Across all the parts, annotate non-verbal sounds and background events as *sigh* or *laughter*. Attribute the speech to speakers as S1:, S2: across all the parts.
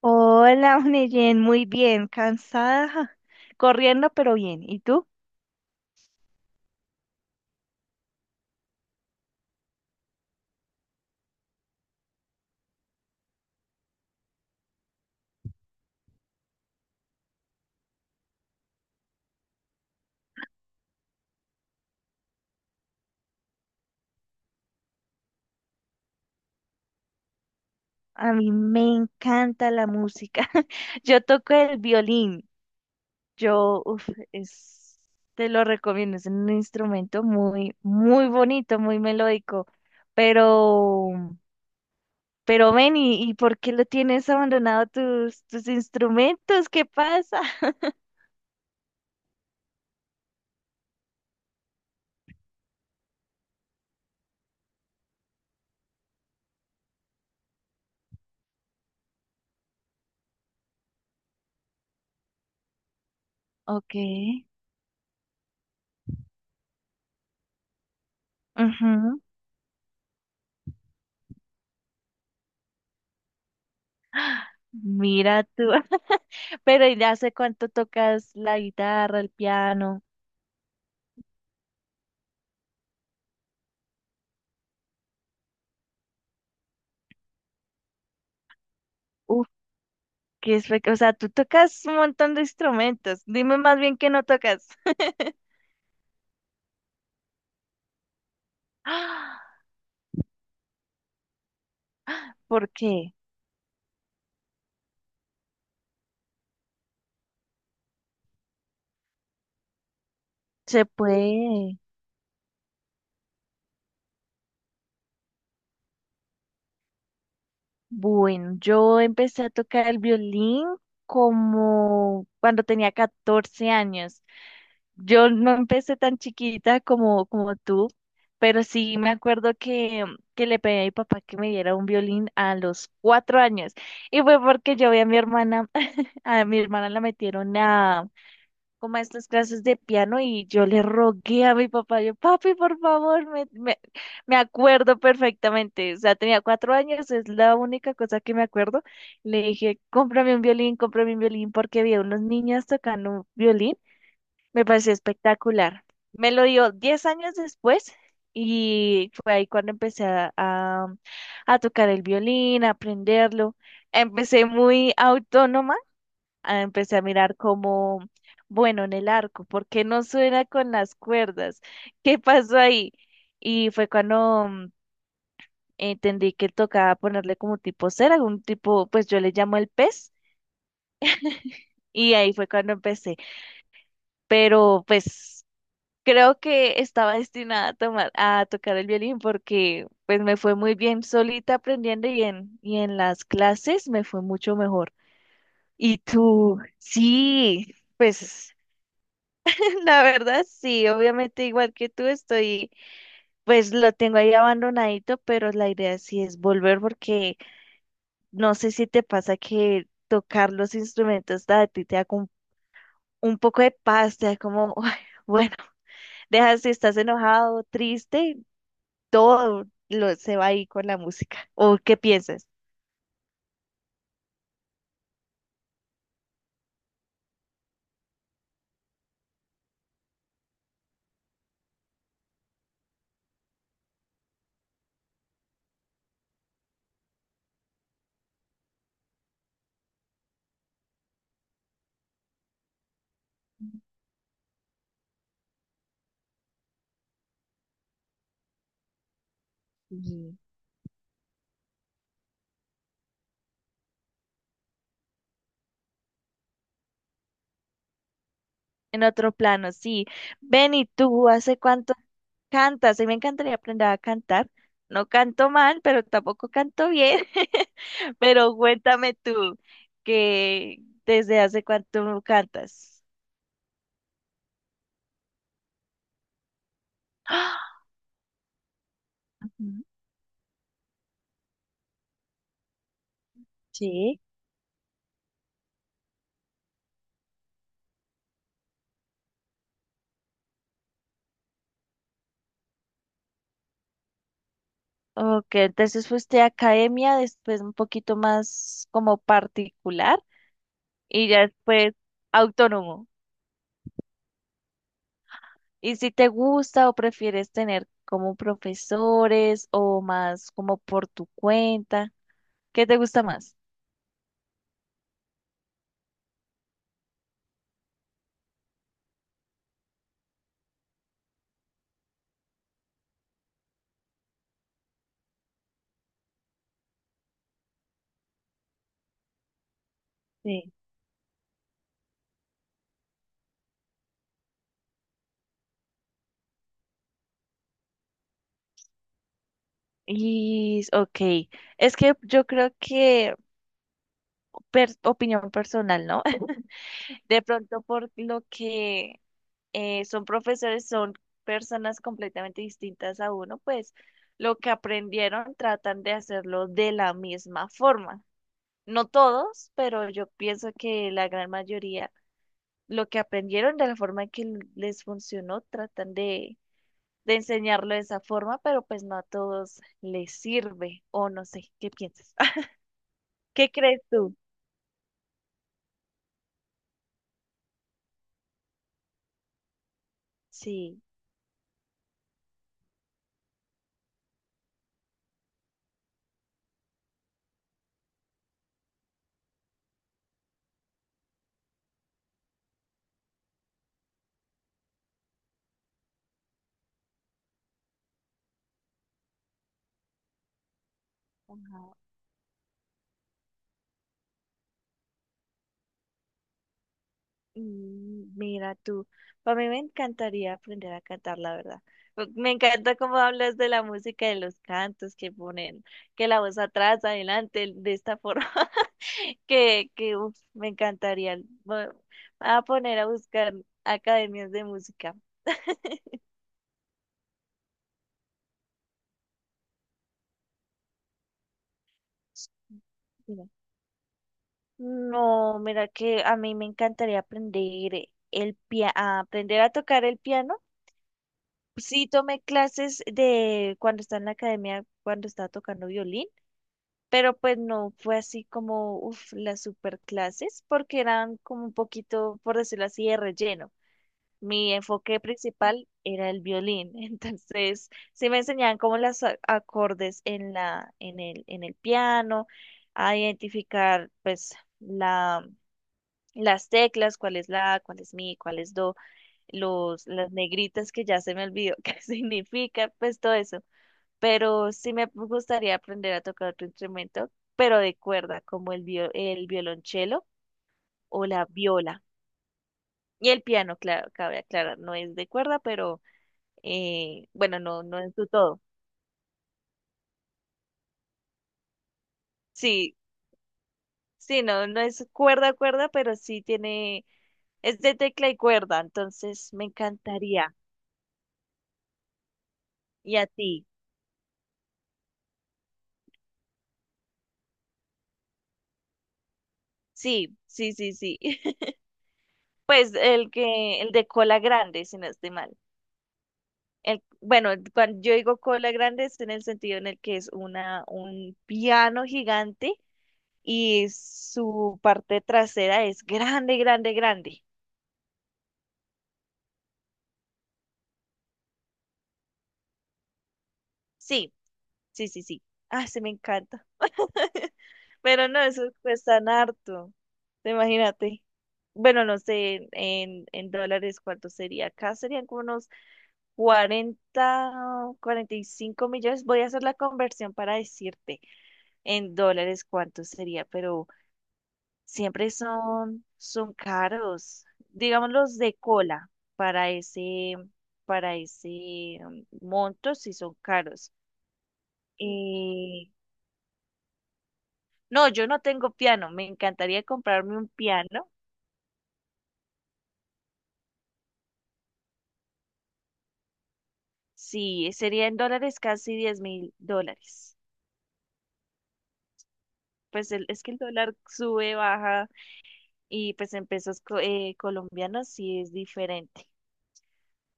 S1: Hola, *laughs* Oneyen, muy bien, cansada, ja, corriendo, pero bien. ¿Y tú? A mí me encanta la música. *laughs* Yo toco el violín. Yo, uf, es, Te lo recomiendo. Es un instrumento muy, muy bonito, muy melódico. Pero, pero ven, ¿y por qué lo tienes abandonado tus instrumentos? ¿Qué pasa? *laughs* Ok. ujú, Mira tú. *laughs* Pero ¿y hace cuánto tocas la guitarra, el piano? Uf, o sea, tú tocas un montón de instrumentos. Dime más bien qué no tocas. *gasps* ¡Ah! ¿Por qué? Se puede. Bueno, yo empecé a tocar el violín como cuando tenía 14 años. Yo no empecé tan chiquita como tú, pero sí me acuerdo que le pedí a mi papá que me diera un violín a los 4 años. Y fue porque yo vi a mi hermana, *laughs* a mi hermana la metieron a, como a estas clases de piano y yo le rogué a mi papá, yo, papi, por favor, me acuerdo perfectamente, o sea, tenía 4 años, es la única cosa que me acuerdo. Le dije, cómprame un violín, porque vi a unos niñas tocando un violín, me pareció espectacular. Me lo dio 10 años después y fue ahí cuando empecé a tocar el violín, a aprenderlo. Empecé muy autónoma, empecé a mirar como, bueno, en el arco, ¿por qué no suena con las cuerdas? ¿Qué pasó ahí? Y fue cuando entendí que tocaba ponerle como tipo cera, algún tipo, pues yo le llamo el pez, y ahí fue cuando empecé. Pero pues creo que estaba *laughs* destinada a tocar el violín porque pues me fue muy bien solita aprendiendo y en las clases me fue mucho mejor. Y tú, sí, pues. La verdad, sí, obviamente igual que tú estoy, pues lo tengo ahí abandonadito, pero la idea sí es volver porque no sé si te pasa que tocar los instrumentos a ti te da como un poco de paz, te da como, *laughs* "Uy, bueno, deja si estás enojado, triste, todo lo, se va ahí con la música. ¿O qué piensas? Sí. En otro plano, sí. Ven y tú, ¿hace cuánto cantas? A mí me encantaría aprender a cantar. No canto mal, pero tampoco canto bien. *laughs* Pero cuéntame tú, que desde hace cuánto cantas. ¡Ah! Ujú. Sí. Ok, entonces fuiste a academia, después un poquito más como particular y ya después autónomo. ¿Y si te gusta o prefieres tener como profesores o más como por tu cuenta? ¿Qué te gusta más? Sí. Y, ok, es que yo creo que, opinión personal, ¿no? *laughs* De pronto por lo que son profesores, son personas completamente distintas a uno, pues lo que aprendieron tratan de hacerlo de la misma forma. No todos, pero yo pienso que la gran mayoría, lo que aprendieron de la forma que les funcionó, tratan de enseñarlo de esa forma, pero pues no a todos les sirve, o no sé, ¿qué piensas? *laughs* ¿Qué crees tú? Sí. Ajá. Mira tú, a mí me encantaría aprender a cantar, la verdad. Me encanta cómo hablas de la música, de los cantos que ponen, que la voz atrás, adelante, de esta forma, *laughs* que uf, me encantaría. Voy a poner a buscar academias de música. *laughs* Mira. No, mira que a mí me encantaría a aprender a tocar el piano. Sí tomé clases de cuando estaba en la academia, cuando estaba tocando violín, pero pues no fue así como, las super clases, porque eran como un poquito, por decirlo así, de relleno. Mi enfoque principal era el violín, *laughs* entonces sí me enseñaban como los acordes en el piano, a identificar pues la, las teclas, cuál es la, cuál es mi, cuál es do, las negritas que ya se me olvidó *laughs* qué significa, pues todo eso. Pero sí me gustaría aprender a tocar otro instrumento, pero de cuerda, como el violonchelo o la viola. Y el piano, claro, cabe aclarar, no es de cuerda, pero bueno, no, no es su todo. Sí, sí, no, no es cuerda, cuerda, pero sí tiene, es de tecla y cuerda, entonces me encantaría. ¿Y a ti? Sí, sí, sí, sí. *laughs* Pues el de cola grande, si no estoy mal. Bueno, cuando yo digo cola grande es en el sentido en el que es un piano gigante y su parte trasera es grande, grande, grande. Sí, sí, sí, sí. Ah, se me encanta. *laughs* Pero no, eso cuesta harto. Imagínate. Bueno, no sé en dólares cuánto sería. Acá serían como unos cuarenta, 45 millones. Voy a hacer la conversión para decirte. En dólares, ¿cuánto sería? Pero siempre son caros. Digamos los de cola para ese, para ese monto, sí son caros. Y no, yo no tengo piano. Me encantaría comprarme un piano. Sí, sería en dólares casi $10,000. Pues es que el dólar sube, baja y pues en pesos colombianos sí es diferente.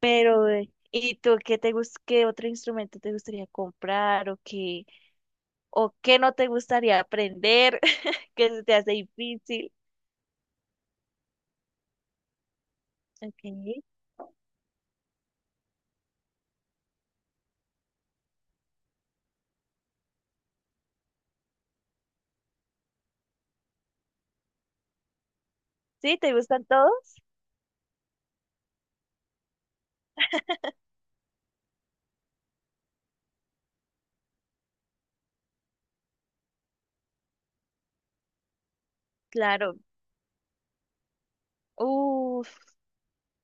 S1: Pero, ¿y tú qué otro instrumento te gustaría comprar o qué no te gustaría aprender, *laughs* que se te hace difícil? Okay. ¿Sí? ¿Te gustan todos? Claro. Uf,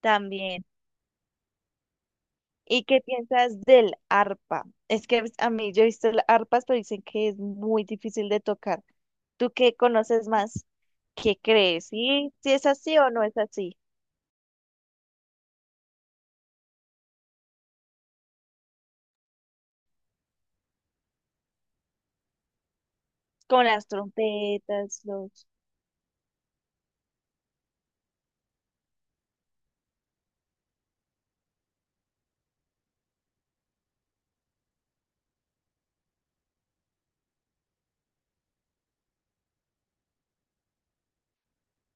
S1: también. ¿Y qué piensas del arpa? Es que pues, a mí yo he visto las arpas, pero dicen que es muy difícil de tocar. ¿Tú qué conoces más? ¿Qué crees? ¿Sí? ¿Sí es así o no es así? Con las trompetas, los...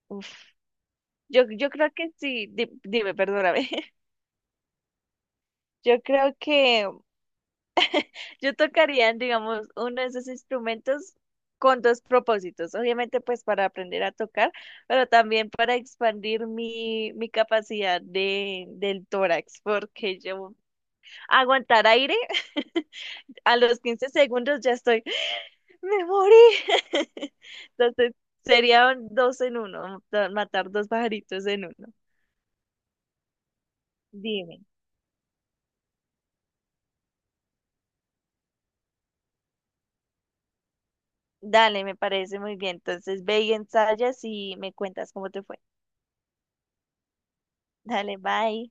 S1: Uf. Yo creo que sí, dime, perdóname. *laughs* Yo creo que yo tocaría, digamos, uno de esos instrumentos con dos propósitos. Obviamente, pues para aprender a tocar, pero también para expandir mi capacidad del tórax, porque yo aguantar aire *laughs* a los 15 segundos ya estoy, me morí. *laughs* Entonces, serían dos en uno, matar dos pajaritos en uno. Dime. Dale, me parece muy bien. Entonces ve y ensayas y me cuentas cómo te fue. Dale, bye.